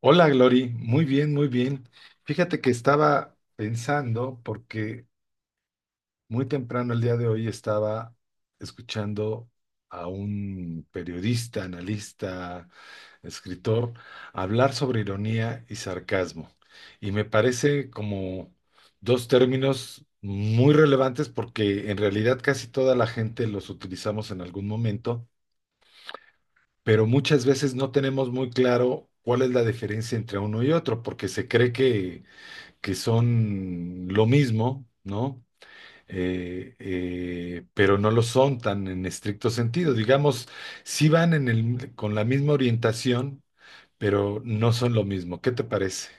Hola, Glory. Muy bien, muy bien. Fíjate que estaba pensando, porque muy temprano el día de hoy estaba escuchando a un periodista, analista, escritor, hablar sobre ironía y sarcasmo. Y me parece como dos términos muy relevantes porque en realidad casi toda la gente los utilizamos en algún momento, pero muchas veces no tenemos muy claro cuál es la diferencia entre uno y otro, porque se cree que son lo mismo, ¿no? Pero no lo son tan en estricto sentido. Digamos, sí van en el, con la misma orientación, pero no son lo mismo. ¿Qué te parece?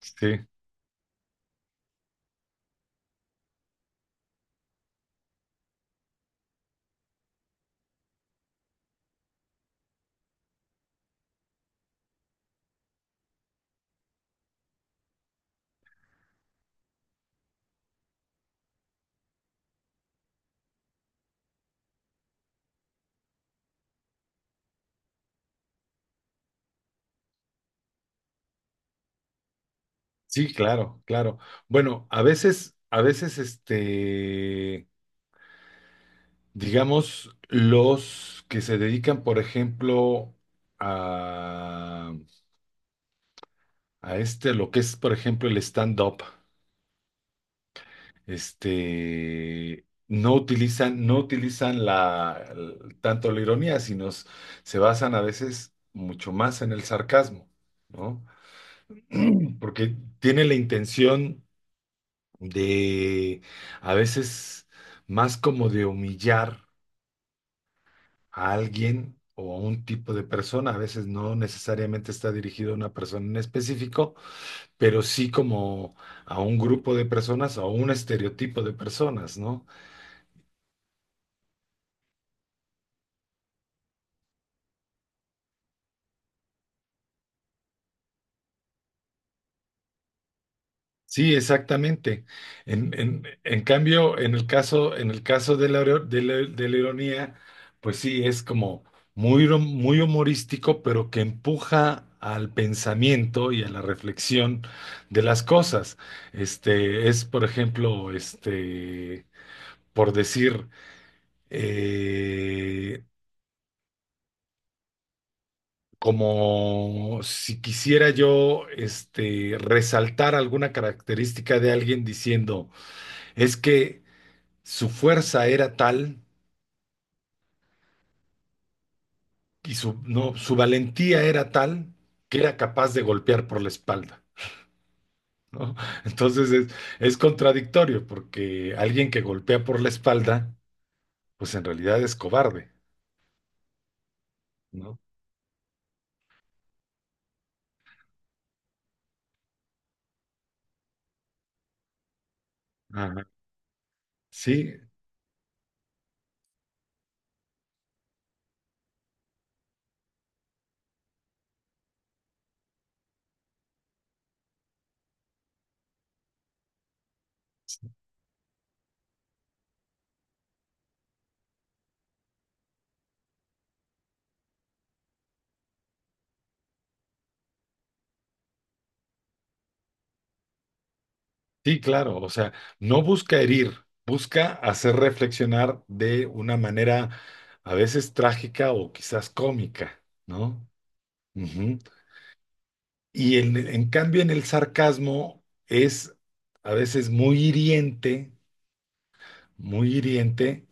Sí, sí, claro, claro. Bueno, a veces, digamos, los que se dedican, por ejemplo, a, a este, a lo que es, por ejemplo, el stand-up. No utilizan la, tanto la ironía, sino se basan a veces mucho más en el sarcasmo, ¿no? Porque tiene la intención de, a veces, más como de humillar a alguien o a un tipo de persona, a veces no necesariamente está dirigido a una persona en específico, pero sí como a un grupo de personas o a un estereotipo de personas, ¿no? Sí, exactamente. En cambio, en el caso de la, de la ironía, pues sí, es como muy, muy humorístico, pero que empuja al pensamiento y a la reflexión de las cosas. Es, por ejemplo, por decir, eh, como si quisiera yo resaltar alguna característica de alguien diciendo, es que su fuerza era tal y su, no, su valentía era tal que era capaz de golpear por la espalda, ¿no? Entonces es contradictorio porque alguien que golpea por la espalda, pues en realidad es cobarde, ¿no? Ajá. Sí, sí, claro, o sea, no busca herir, busca hacer reflexionar de una manera a veces trágica o quizás cómica, ¿no? Ujú. Y en cambio en el sarcasmo es a veces muy hiriente,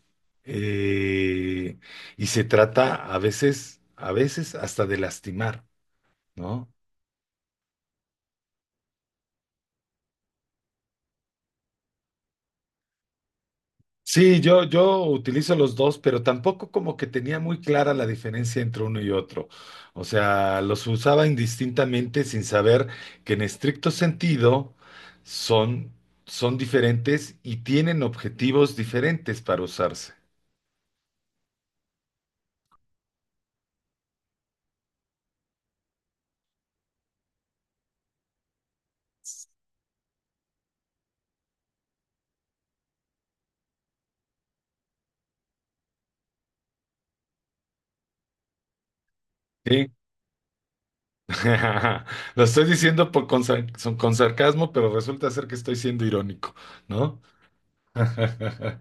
eh, y se trata a veces hasta de lastimar, ¿no? Sí, yo utilizo los dos, pero tampoco como que tenía muy clara la diferencia entre uno y otro. O sea, los usaba indistintamente sin saber que en estricto sentido son, son diferentes y tienen objetivos diferentes para usarse. Sí, lo estoy diciendo por, con con sarcasmo, pero resulta ser que estoy siendo irónico, ¿no?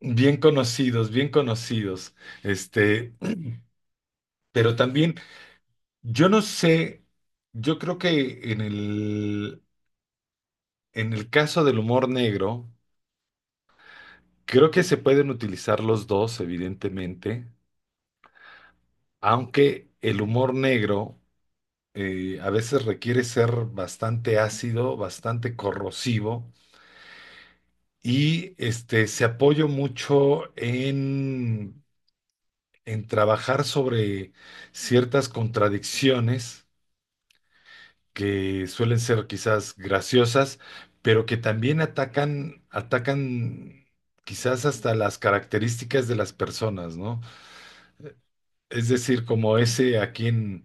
Bien conocidos, bien conocidos. Este, pero también yo no sé, yo creo que en el caso del humor negro, creo que se pueden utilizar los dos, evidentemente, aunque el humor negro a veces requiere ser bastante ácido, bastante corrosivo, y se apoya mucho en trabajar sobre ciertas contradicciones que suelen ser quizás graciosas, pero que también atacan, atacan quizás hasta las características de las personas, ¿no? Es decir, como ese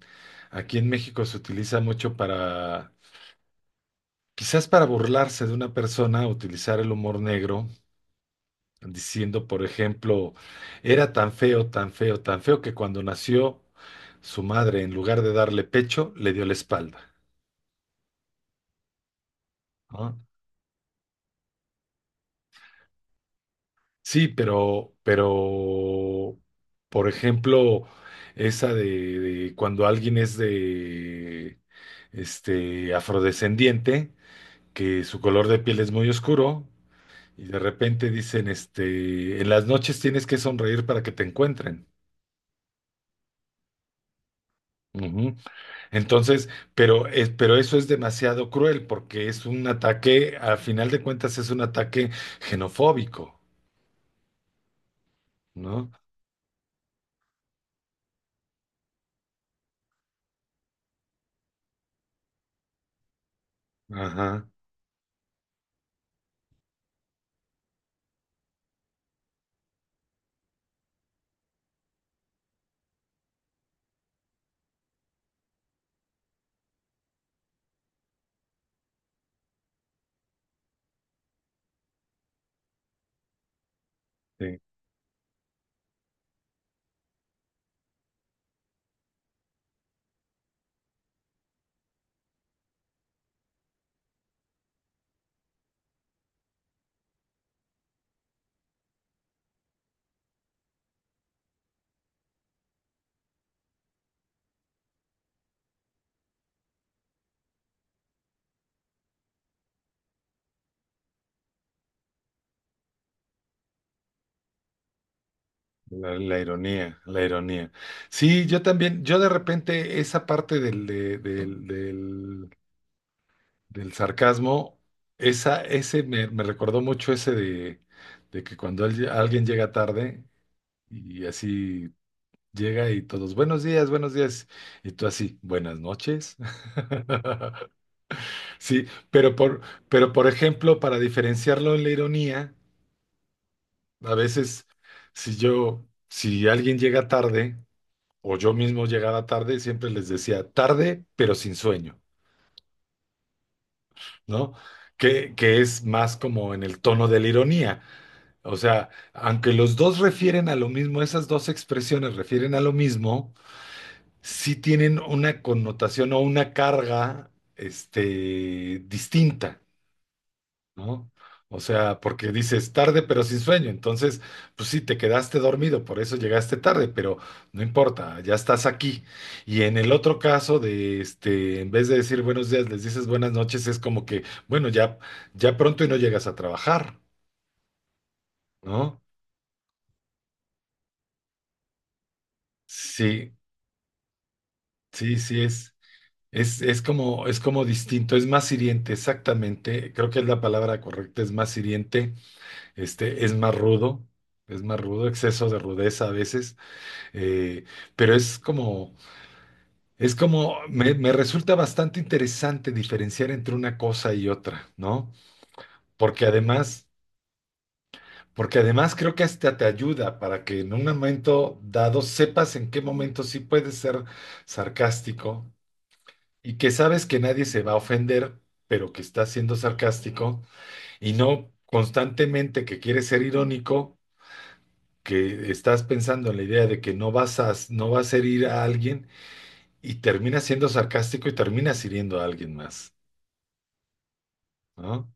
aquí en México se utiliza mucho para, quizás para burlarse de una persona, utilizar el humor negro, diciendo, por ejemplo, era tan feo, tan feo, tan feo que cuando nació su madre, en lugar de darle pecho, le dio la espalda. ¿No? Sí, pero, por ejemplo, esa de cuando alguien es de, afrodescendiente, que su color de piel es muy oscuro, y de repente dicen, en las noches tienes que sonreír para que te encuentren. Ujú. Entonces, pero eso es demasiado cruel porque es un ataque, al final de cuentas es un ataque xenofóbico, ¿no? Ajá. La ironía, la ironía. Sí, yo también, yo de repente esa parte del, del sarcasmo, esa, ese me, me recordó mucho ese de que cuando alguien llega tarde y así llega y todos, buenos días, y tú así, buenas noches. Sí, pero por, pero por ejemplo, para diferenciarlo en la ironía, a veces si yo, si alguien llega tarde, o yo mismo llegaba tarde, siempre les decía tarde, pero sin sueño, ¿no? Que es más como en el tono de la ironía. O sea, aunque los dos refieren a lo mismo, esas dos expresiones refieren a lo mismo, sí tienen una connotación o una carga, distinta. ¿No? O sea, porque dices tarde pero sin sueño, entonces, pues sí, te quedaste dormido, por eso llegaste tarde, pero no importa, ya estás aquí. Y en el otro caso de, en vez de decir buenos días, les dices buenas noches, es como que, bueno, ya, ya pronto y no llegas a trabajar, ¿no? Sí, sí, sí, es como distinto, es más hiriente, exactamente, creo que es la palabra correcta, es más hiriente, este, es más rudo, es más rudo, exceso de rudeza a veces. Eh, pero es como, me resulta bastante interesante diferenciar entre una cosa y otra, ¿no? Porque además, porque además creo que hasta te ayuda para que en un momento dado sepas en qué momento sí puedes ser sarcástico y que sabes que nadie se va a ofender, pero que estás siendo sarcástico y no constantemente que quieres ser irónico, que estás pensando en la idea de que no vas a, no vas a herir a alguien, y terminas siendo sarcástico y terminas hiriendo a alguien más, ¿no?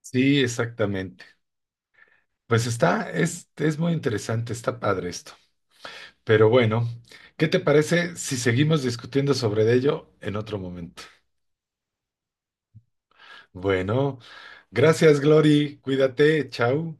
Sí, exactamente. Pues está, es muy interesante, está padre esto. Pero bueno, ¿qué te parece si seguimos discutiendo sobre ello en otro momento? Bueno, gracias, Glory, cuídate, chao.